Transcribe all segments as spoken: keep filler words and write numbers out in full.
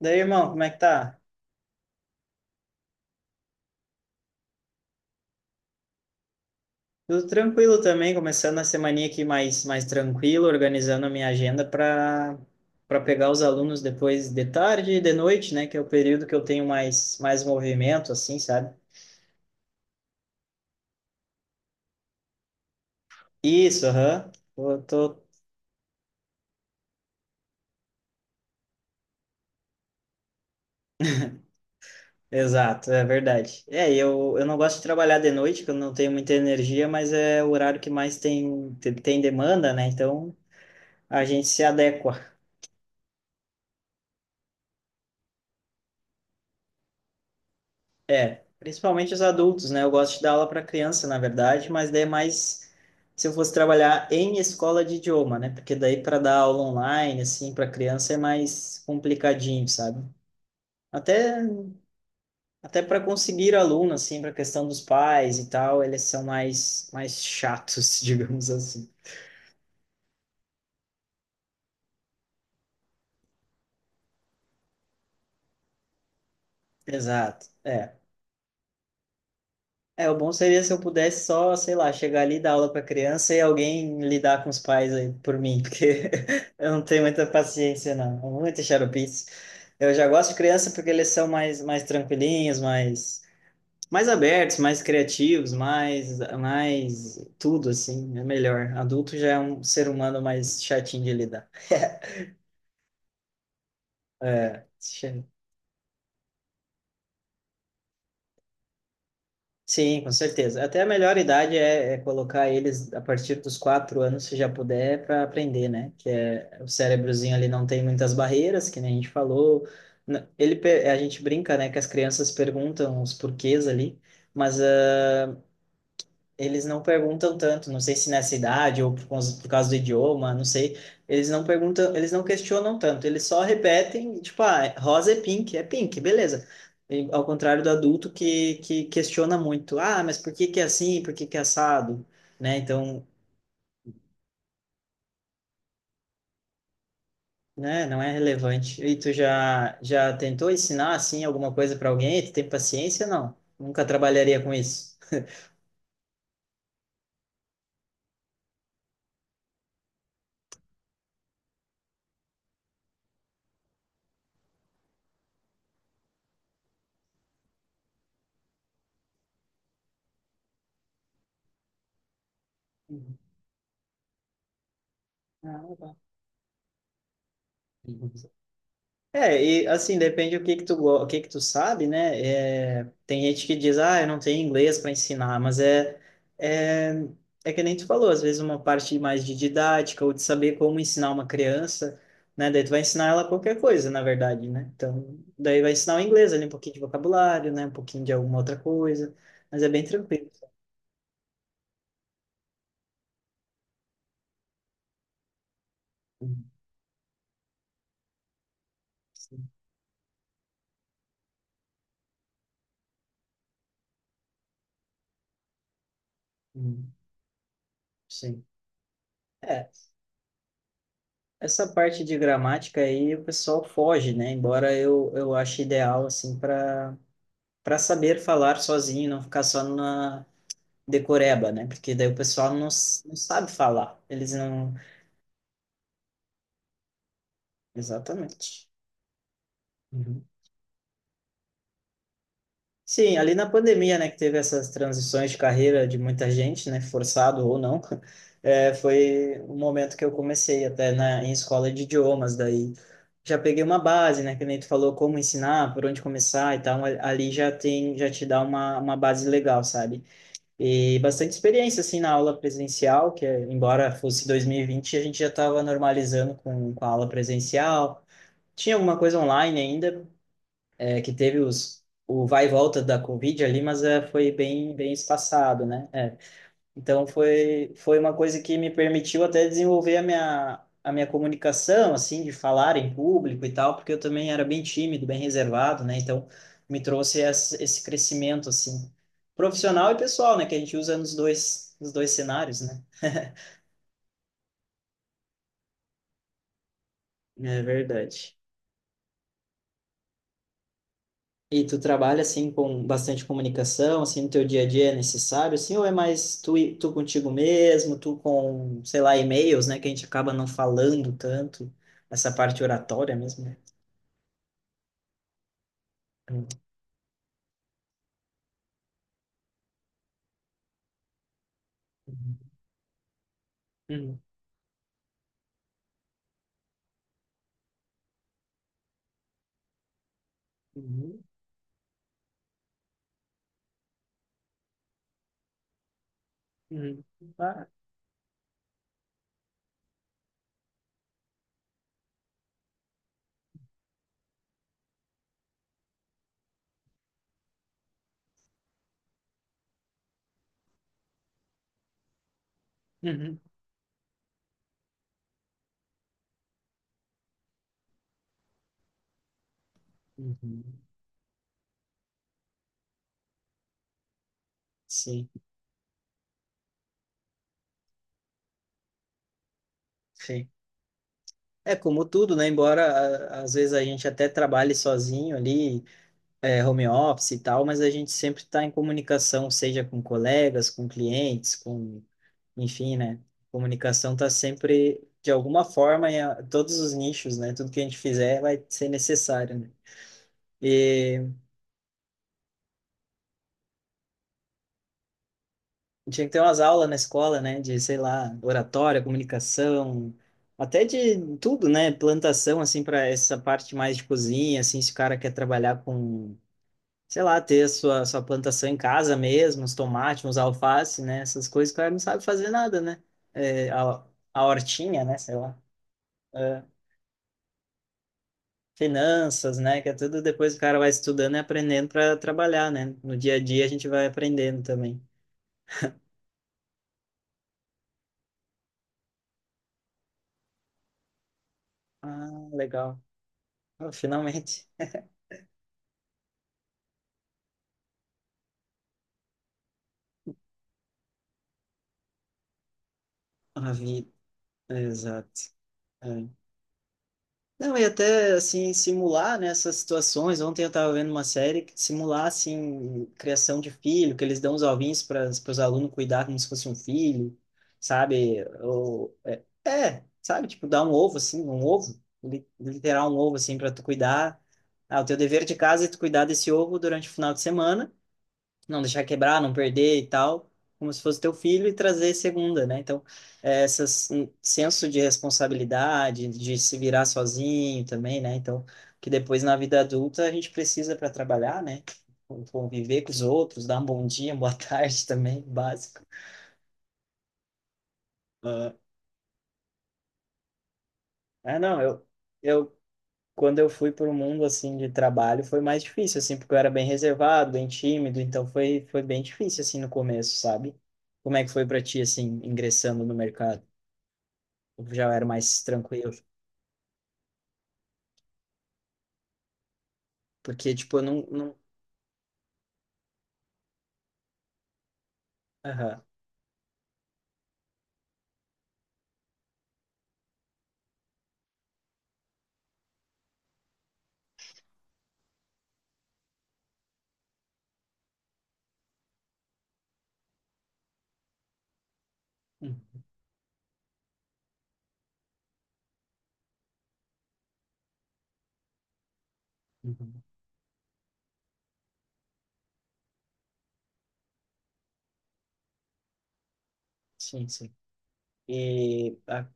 Daí, irmão, como é que tá? Tudo tranquilo também, começando a semaninha aqui mais, mais tranquilo, organizando a minha agenda para para pegar os alunos depois de tarde e de noite, né? Que é o período que eu tenho mais, mais movimento, assim, sabe? Isso, aham. Eu tô. Exato, é verdade. É, e eu, eu não gosto de trabalhar de noite, que eu não tenho muita energia, mas é o horário que mais tem, tem tem demanda, né? Então a gente se adequa. É, principalmente os adultos, né? Eu gosto de dar aula para criança, na verdade, mas daí é mais se eu fosse trabalhar em escola de idioma, né? Porque daí para dar aula online, assim, para criança é mais complicadinho, sabe? Até, até para conseguir aluno, assim, para questão dos pais e tal, eles são mais, mais chatos, digamos assim. Exato. É. É, o bom seria se eu pudesse só, sei lá, chegar ali, dar aula para criança e alguém lidar com os pais aí por mim, porque eu não tenho muita paciência, não. É muita xaropice. Eu já gosto de criança porque eles são mais, mais tranquilinhos, mais, mais abertos, mais criativos, mais, mais tudo, assim, é melhor. Adulto já é um ser humano mais chatinho de lidar. É. Sim, com certeza. Até a melhor idade é, é colocar eles a partir dos quatro anos, se já puder, para aprender, né? Que é, o cérebrozinho ali não tem muitas barreiras, que nem a gente falou. N- Ele, pe- a gente brinca, né, que as crianças perguntam os porquês ali, mas ah, eles não perguntam tanto, não sei se nessa idade ou por causa, por causa do idioma, não sei. Eles não perguntam, eles não questionam tanto, eles só repetem, tipo, ah, rosa é pink, é pink, beleza. E, ao contrário do adulto que, que questiona muito, ah, mas por que que é assim, por que que é assado, né? Então, né, não é relevante. E tu já, já tentou ensinar, assim, alguma coisa para alguém? Tu tem paciência? Não, nunca trabalharia com isso. Uhum. Ah, tá. É, e assim, depende do que que tu, go- o que que tu sabe, né? É, tem gente que diz, ah, eu não tenho inglês para ensinar, mas é, é, é que nem tu falou, às vezes uma parte mais de didática ou de saber como ensinar uma criança, né? Daí tu vai ensinar ela qualquer coisa, na verdade, né? Então, daí vai ensinar o inglês ali, um pouquinho de vocabulário, né? Um pouquinho de alguma outra coisa, mas é bem tranquilo. Uhum. Sim. Uhum, sim. É, essa parte de gramática aí o pessoal foge, né? Embora eu, eu ache ideal, assim, para para saber falar sozinho, não ficar só na decoreba, né? Porque daí o pessoal não, s- não sabe falar. Eles não. Exatamente. Uhum. Sim, ali na pandemia, né, que teve essas transições de carreira de muita gente, né, forçado ou não, é, foi o momento que eu comecei até na, em escola de idiomas, daí já peguei uma base, né, que nem tu falou como ensinar, por onde começar e tal, ali já tem, já te dá uma, uma base legal, sabe? E bastante experiência, assim, na aula presencial, que eh, embora fosse dois mil e vinte, a gente já estava normalizando com, com a aula presencial. Tinha alguma coisa online ainda, eh, que teve os, o vai e volta da Covid ali, mas eh, foi bem, bem espaçado, né? É, então foi, foi uma coisa que me permitiu até desenvolver a minha, a minha comunicação, assim, de falar em público e tal, porque eu também era bem tímido, bem reservado, né? Então me trouxe essa- esse crescimento, assim, profissional e pessoal, né? Que a gente usa nos dois, nos dois cenários, né? É verdade. E tu trabalha assim com bastante comunicação, assim no teu dia a dia é necessário, assim, ou é mais tu, e- tu contigo mesmo, tu com, sei lá, e-mails, né, que a gente acaba não falando tanto, essa parte oratória mesmo, né? Uhum, uhum, uhum, uhum. Ah, uhum, uhum. Sim, sim. É como tudo, né? Embora a- às vezes a gente até trabalhe sozinho ali, é, home office e tal, mas a gente sempre está em comunicação, seja com colegas, com clientes, com enfim, né? Comunicação tá sempre, de alguma forma, em a- todos os nichos, né? Tudo que a gente fizer vai ser necessário, né? E tinha que ter umas aulas na escola, né? De, sei lá, oratória, comunicação, até de tudo, né? Plantação, assim, para essa parte mais de cozinha, assim, se o cara quer trabalhar com, sei lá, ter a sua, sua plantação em casa mesmo, os tomates, os alface, né? Essas coisas que o cara não sabe fazer nada, né? É, a, a hortinha, né? Sei lá. Ah, finanças, né? Que é tudo depois o cara vai estudando e aprendendo para trabalhar, né? No dia a dia a gente vai aprendendo também. Ah, legal. Ah, finalmente. A vida. Exato. É. Não, e até assim, simular nessas situações. Ontem eu estava vendo uma série que simular assim, criação de filho, que eles dão os ovinhos para os alunos cuidar como se fosse um filho, sabe? Ou, é, é, sabe? Tipo, dar um ovo, assim, um ovo, li- literal um ovo, assim, para tu cuidar. Ah, o teu dever de casa é tu cuidar desse ovo durante o final de semana, não deixar quebrar, não perder e tal, como se fosse teu filho e trazer segunda, né? Então, é, essas um senso de responsabilidade, de se virar sozinho também, né? Então, que depois na vida adulta a gente precisa para trabalhar, né? Conviver com os outros, dar um bom dia, uma boa tarde também, básico. Ah, é, não, eu, eu quando eu fui para o mundo assim de trabalho foi mais difícil assim porque eu era bem reservado bem tímido então foi foi bem difícil assim no começo, sabe? Como é que foi para ti assim ingressando no mercado? Eu já era mais tranquilo porque tipo eu não não. Aham. Uhum. Uhum. Sim, sim. e ah,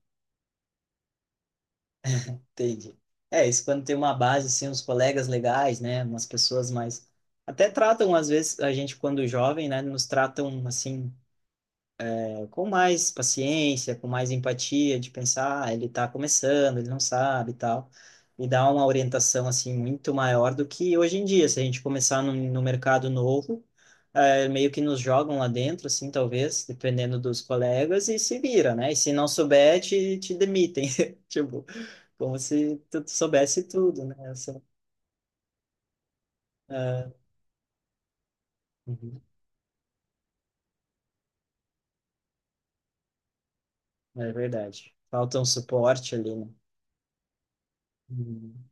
entendi. É isso quando tem uma base assim, uns colegas legais, né, umas pessoas mais, até tratam às vezes a gente quando jovem, né, nos tratam assim com mais paciência, com mais empatia, de pensar, ah, ele está começando, ele não sabe e tal, e dar uma orientação, assim, muito maior do que hoje em dia, se a gente começar no, no mercado novo, eh, meio que nos jogam lá dentro, assim, talvez, dependendo dos colegas, e se vira, né? E se não souber, te, te demitem, tipo, como se tu soubesse tudo, né? Essa, ah, uhum, é verdade. Falta um suporte ali, né? Uhum.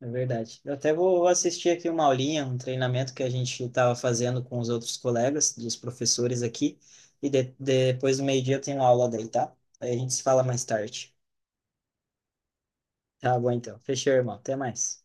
É verdade. Eu até vou assistir aqui uma aulinha, um treinamento que a gente estava fazendo com os outros colegas, dos professores aqui, e de- depois do meio-dia eu tenho aula daí, tá? Aí a gente se fala mais tarde. Tá bom, então. Fechou, irmão. Até mais.